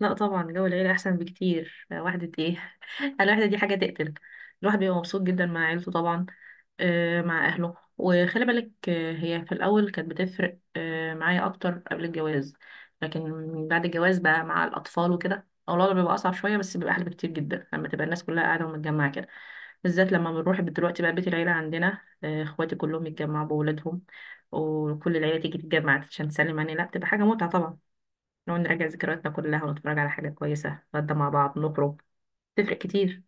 لا طبعا، جو العيلة أحسن بكتير. وحدة ايه الوحدة دي حاجة تقتل الواحد. بيبقى مبسوط جدا مع عيلته طبعا، مع أهله. وخلي بالك، هي في الأول كانت بتفرق معايا أكتر قبل الجواز، لكن بعد الجواز بقى مع الأطفال وكده أو الوضع بيبقى أصعب شوية، بس بيبقى أحلى بكتير جدا لما تبقى الناس كلها قاعدة ومتجمعة كده، بالذات لما بنروح دلوقتي بقى بيت العيلة عندنا، إخواتي كلهم يتجمعوا بأولادهم وكل العيلة تيجي تتجمع عشان تسلم علينا. لا، بتبقى حاجة متعة طبعا. نقعد نراجع ذكرياتنا كلها ونتفرج على حاجة كويسة، نتغدى مع بعض، نخرج. تفرق كتير.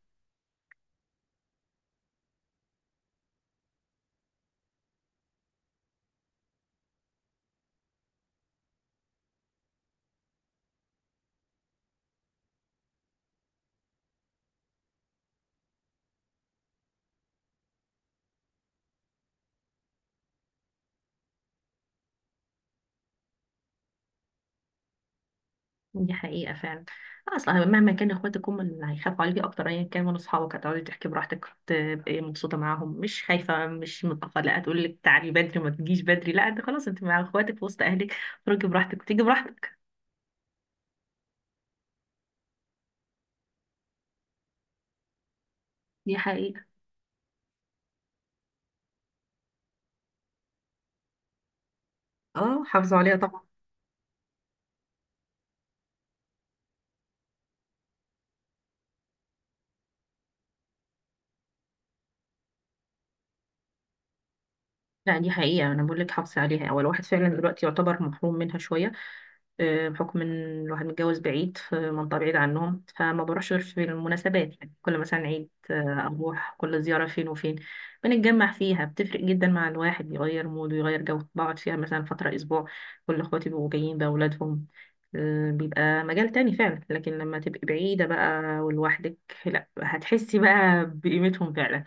دي حقيقة فعلا. أصلا مهما كان، إخواتك هم اللي هيخافوا عليكي أكتر، أيا كان من أصحابك. هتقعدي تحكي براحتك، تبقي مبسوطة معاهم، مش خايفة، مش متأخرة. لا تقول لك تعالي بدري، ما تجيش بدري. لا، أنت خلاص أنت مع إخواتك في وسط أهلك. خرجي براحتك وتيجي براحتك. دي حقيقة. اه، حافظوا عليها طبعا. لا، دي حقيقة أنا بقول لك حافظي عليها. هو الواحد فعلا دلوقتي يعتبر محروم منها شوية، بحكم إن الواحد متجوز بعيد في منطقة بعيدة عنهم، فما بروحش غير في المناسبات. يعني كل مثلا عيد أروح، كل زيارة فين وفين بنتجمع فيها بتفرق جدا مع الواحد، يغير موده، يغير جو، بقعد فيها مثلا فترة أسبوع. كل إخواتي بيبقوا جايين بأولادهم، بيبقى مجال تاني فعلا. لكن لما تبقي بعيدة بقى ولوحدك، لا هتحسي بقى بقيمتهم فعلا.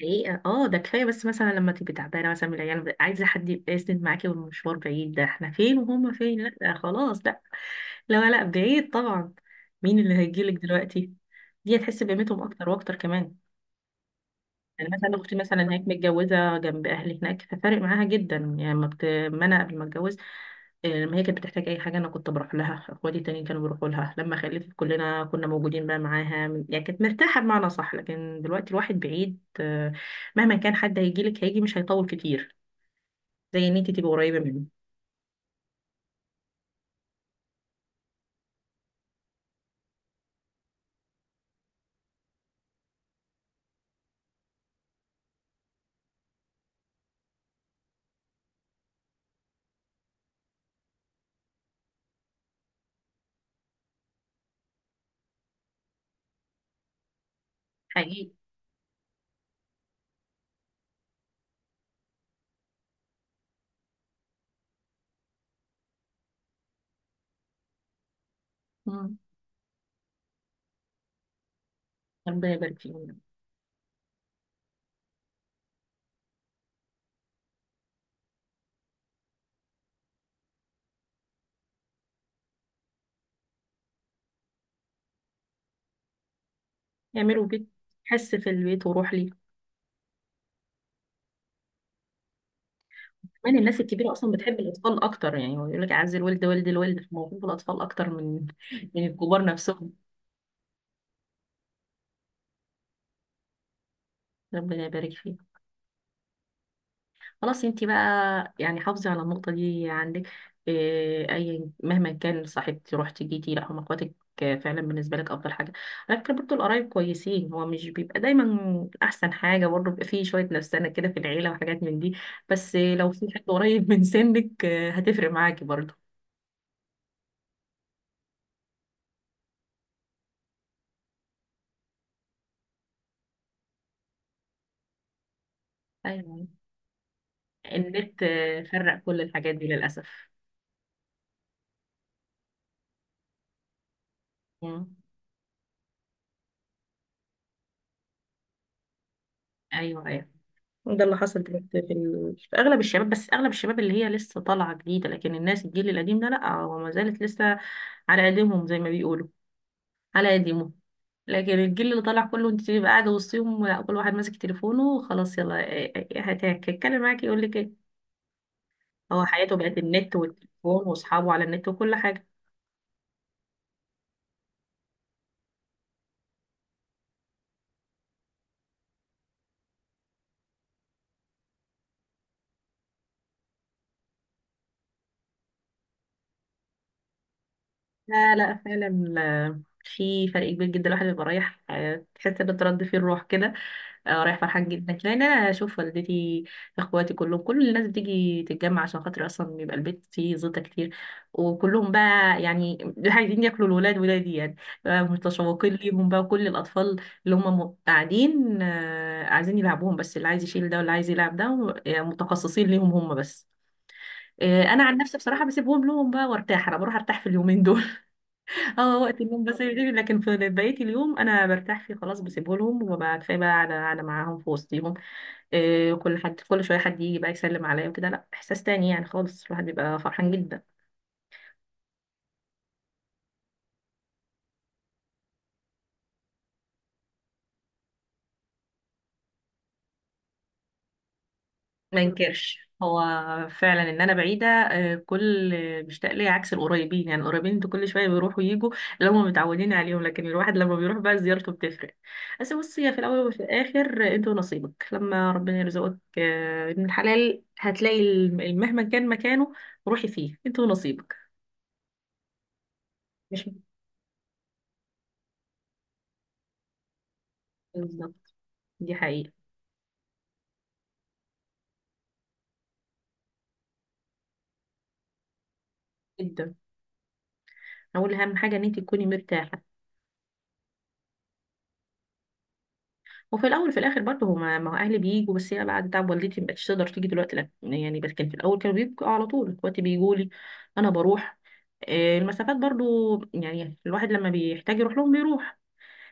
حقيقة اه، ده كفاية. بس مثلا لما تبقي تعبانة مثلا من العيال، عايزة حد يبقى يسند معاكي، والمشوار بعيد، ده احنا فين وهما فين، لا ده خلاص. لا لا، لا بعيد طبعا. مين اللي هيجيلك دلوقتي؟ دي هتحس بقيمتهم أكتر وأكتر كمان. يعني مثلا اختي مثلا هناك متجوزه جنب اهلي هناك، ففارق معاها جدا. يعني ما انا قبل ما اتجوز، لما هي كانت بتحتاج اي حاجه انا كنت بروح لها، اخواتي التانيين كانوا بيروحوا لها، لما خلفت كلنا كنا موجودين بقى معاها. يعني كانت مرتاحه بمعنى صح. لكن دلوقتي الواحد بعيد، مهما كان حد هيجي لك، هيجي مش هيطول كتير زي ان انت تبقي قريبه منه. حقيقي. مم. ربنا يبارك فيهم. يعملوا بيت، حس في البيت، وروح لي. كمان الناس الكبيرة أصلا بتحب الأطفال أكتر. يعني هو يقول لك أعز الولد ولد الولد، فموهوب الأطفال أكتر من من الكبار نفسهم. ربنا يبارك فيك. خلاص أنت بقى يعني حافظي على النقطة دي عندك. أي مهما كان صاحبتي، رحتي جيتي، لا هم إخواتك فعلا بالنسبة لك أفضل حاجة. على فكرة برضه القرايب كويسين، هو مش بيبقى دايما أحسن حاجة، برضه بيبقى فيه شوية نفسنة كده في العيلة وحاجات من دي. بس لو في حد قريب من سنك، هتفرق معاكي برضه. أيوة، النت فرق كل الحاجات دي للأسف. مم. ايوه ايوه، ده اللي حصل دلوقتي في اغلب الشباب. بس اغلب الشباب اللي هي لسه طالعه جديده، لكن الناس الجيل القديم ده لا، هو ما زالت لسه على قديمهم زي ما بيقولوا، على قديمهم. لكن الجيل اللي طالع كله انت تبقى قاعده وسطهم، لا كل واحد ماسك تليفونه. خلاص يلا إيه هتتكلم معاك، يقول لك ايه؟ هو حياته بقت النت والتليفون واصحابه على النت وكل حاجه. لا لا، فعلا في فرق كبير جدا. الواحد بيبقى رايح، تحس ان ترد فيه الروح كده. اه رايح فرحان جدا لان انا اشوف والدتي، اخواتي كلهم، كل الناس بتيجي تتجمع عشان خاطر، اصلا بيبقى البيت فيه زيطه كتير. وكلهم بقى يعني عايزين ياكلوا الولاد، ولادي يعني، بقى متشوقين ليهم بقى. وكل الاطفال اللي هم قاعدين، عايزين يلعبوهم، بس اللي عايز يشيل ده واللي عايز يلعب ده متخصصين ليهم هم بس. انا عن نفسي بصراحه بسيبهم لهم بقى وارتاح، انا بروح ارتاح في اليومين دول. اه وقت النوم بس، لكن في بقيه اليوم انا برتاح فيه، خلاص بسيبه لهم وببقى كفايه بقى على معاهم في وسطهم. كل حد كل شويه حد يجي بقى يسلم عليا وكده، لا احساس تاني يعني خالص، الواحد بيبقى فرحان جدا. ما ينكرش هو فعلا ان انا بعيده، إيه، كل بيشتاق لي عكس القريبين. يعني القريبين انتوا كل شويه بيروحوا ويجوا، اللي هم متعودين عليهم، لكن الواحد لما بيروح بقى زيارته بتفرق. بس بصي، هي في الاول وفي الاخر، انت ونصيبك. لما ربنا يرزقك ابن الحلال، هتلاقي مهما كان مكانه روحي فيه، انت ونصيبك. مش بالظبط، دي حقيقه جدا. اقول اهم حاجه ان انت تكوني مرتاحه. وفي الاول وفي الاخر برضه، هما ما هو اهلي بيجوا، بس هي بعد تعب والدتي ما بقتش تقدر تيجي دلوقتي، لا يعني. بس كان في الاول كانوا بيجوا على طول، دلوقتي بيجوا لي، انا بروح. المسافات برضو يعني الواحد لما بيحتاج يروح لهم بيروح.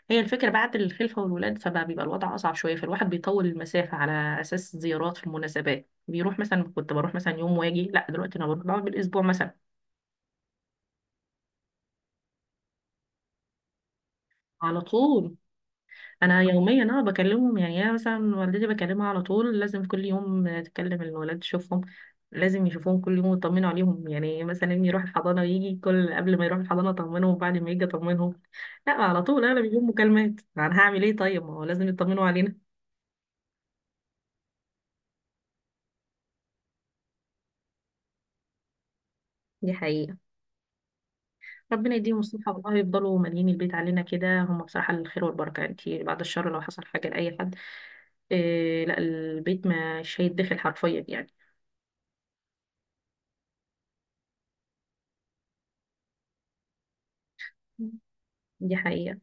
هي الفكرة بعد الخلفة والولاد، فبقى بيبقى الوضع أصعب شوية، فالواحد بيطول المسافة على أساس زيارات في المناسبات. بيروح مثلا، كنت بروح مثلا يوم واجي، لا دلوقتي أنا بروح بقعد بالأسبوع مثلا. على طول انا يوميا بكلمهم. يعني انا مثلا والدتي بكلمها على طول، لازم كل يوم تكلم الولاد تشوفهم، لازم يشوفوهم كل يوم ويطمنوا عليهم. يعني مثلا ابني يروح الحضانه ويجي، كل قبل ما يروح الحضانه اطمنهم، وبعد ما يجي اطمنهم. لا على طول انا بيجيهم مكالمات، انا هعمل ايه؟ طيب ما هو لازم يطمنوا علينا. دي حقيقه. ربنا يديهم الصحه، والله يفضلوا مالين البيت علينا كده، هم بصراحه الخير والبركه، انت بعد الشر لو حصل حاجه لاي حد، إيه لا، البيت مش هيتدخل حرفيا يعني. دي حقيقه.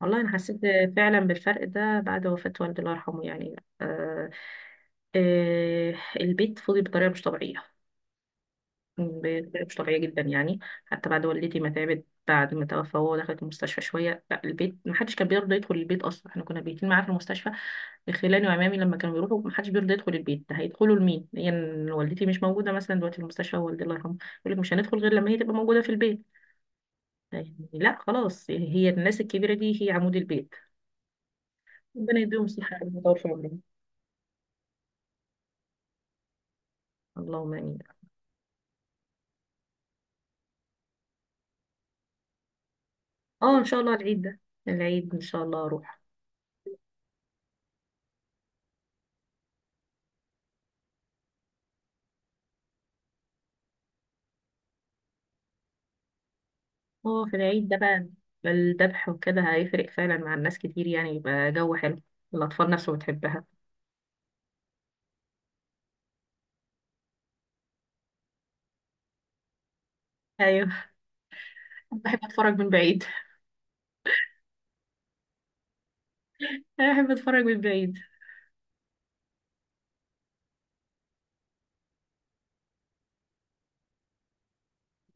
والله أنا حسيت فعلا بالفرق ده بعد وفاة والدي الله يرحمه. آه البيت فضي بطريقة مش طبيعية، بطريقة مش طبيعية جدا يعني. حتى بعد والدتي ما تعبت، بعد ما توفى وهو دخلت المستشفى شوية، لا البيت محدش كان بيرضى يدخل البيت أصلا، احنا كنا بيتين معاه في المستشفى. خلاني وعمامي لما كانوا بيروحوا محدش بيرضى يدخل البيت، ده هيدخلوا لمين؟ هي يعني والدتي مش موجودة مثلا دلوقتي، في المستشفى والدي الله يرحمه، يقول لك مش هندخل غير لما هي تبقى موجودة في البيت. يعني لا خلاص، هي الناس الكبيرة دي هي عمود البيت. ربنا يديهم صحة ويطول في عمرهم. اللهم آمين. اه إن شاء الله العيد ده، العيد إن شاء الله أروح. اه في العيد ده بقى الذبح وكده هيفرق فعلا مع الناس كتير، يعني يبقى جو حلو. الأطفال نفسه بتحبها. أيوه. بحب أتفرج من بعيد. أنا بحب أتفرج من بعيد.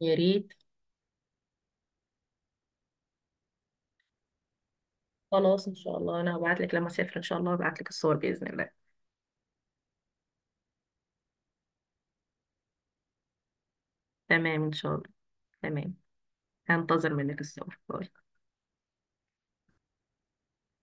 يا ريت. خلاص إن شاء الله، أنا هبعت لك لما أسافر إن شاء الله، هبعت لك الصور بإذن الله. تمام إن شاء الله. تمام. هنتظر منك الصور، باي.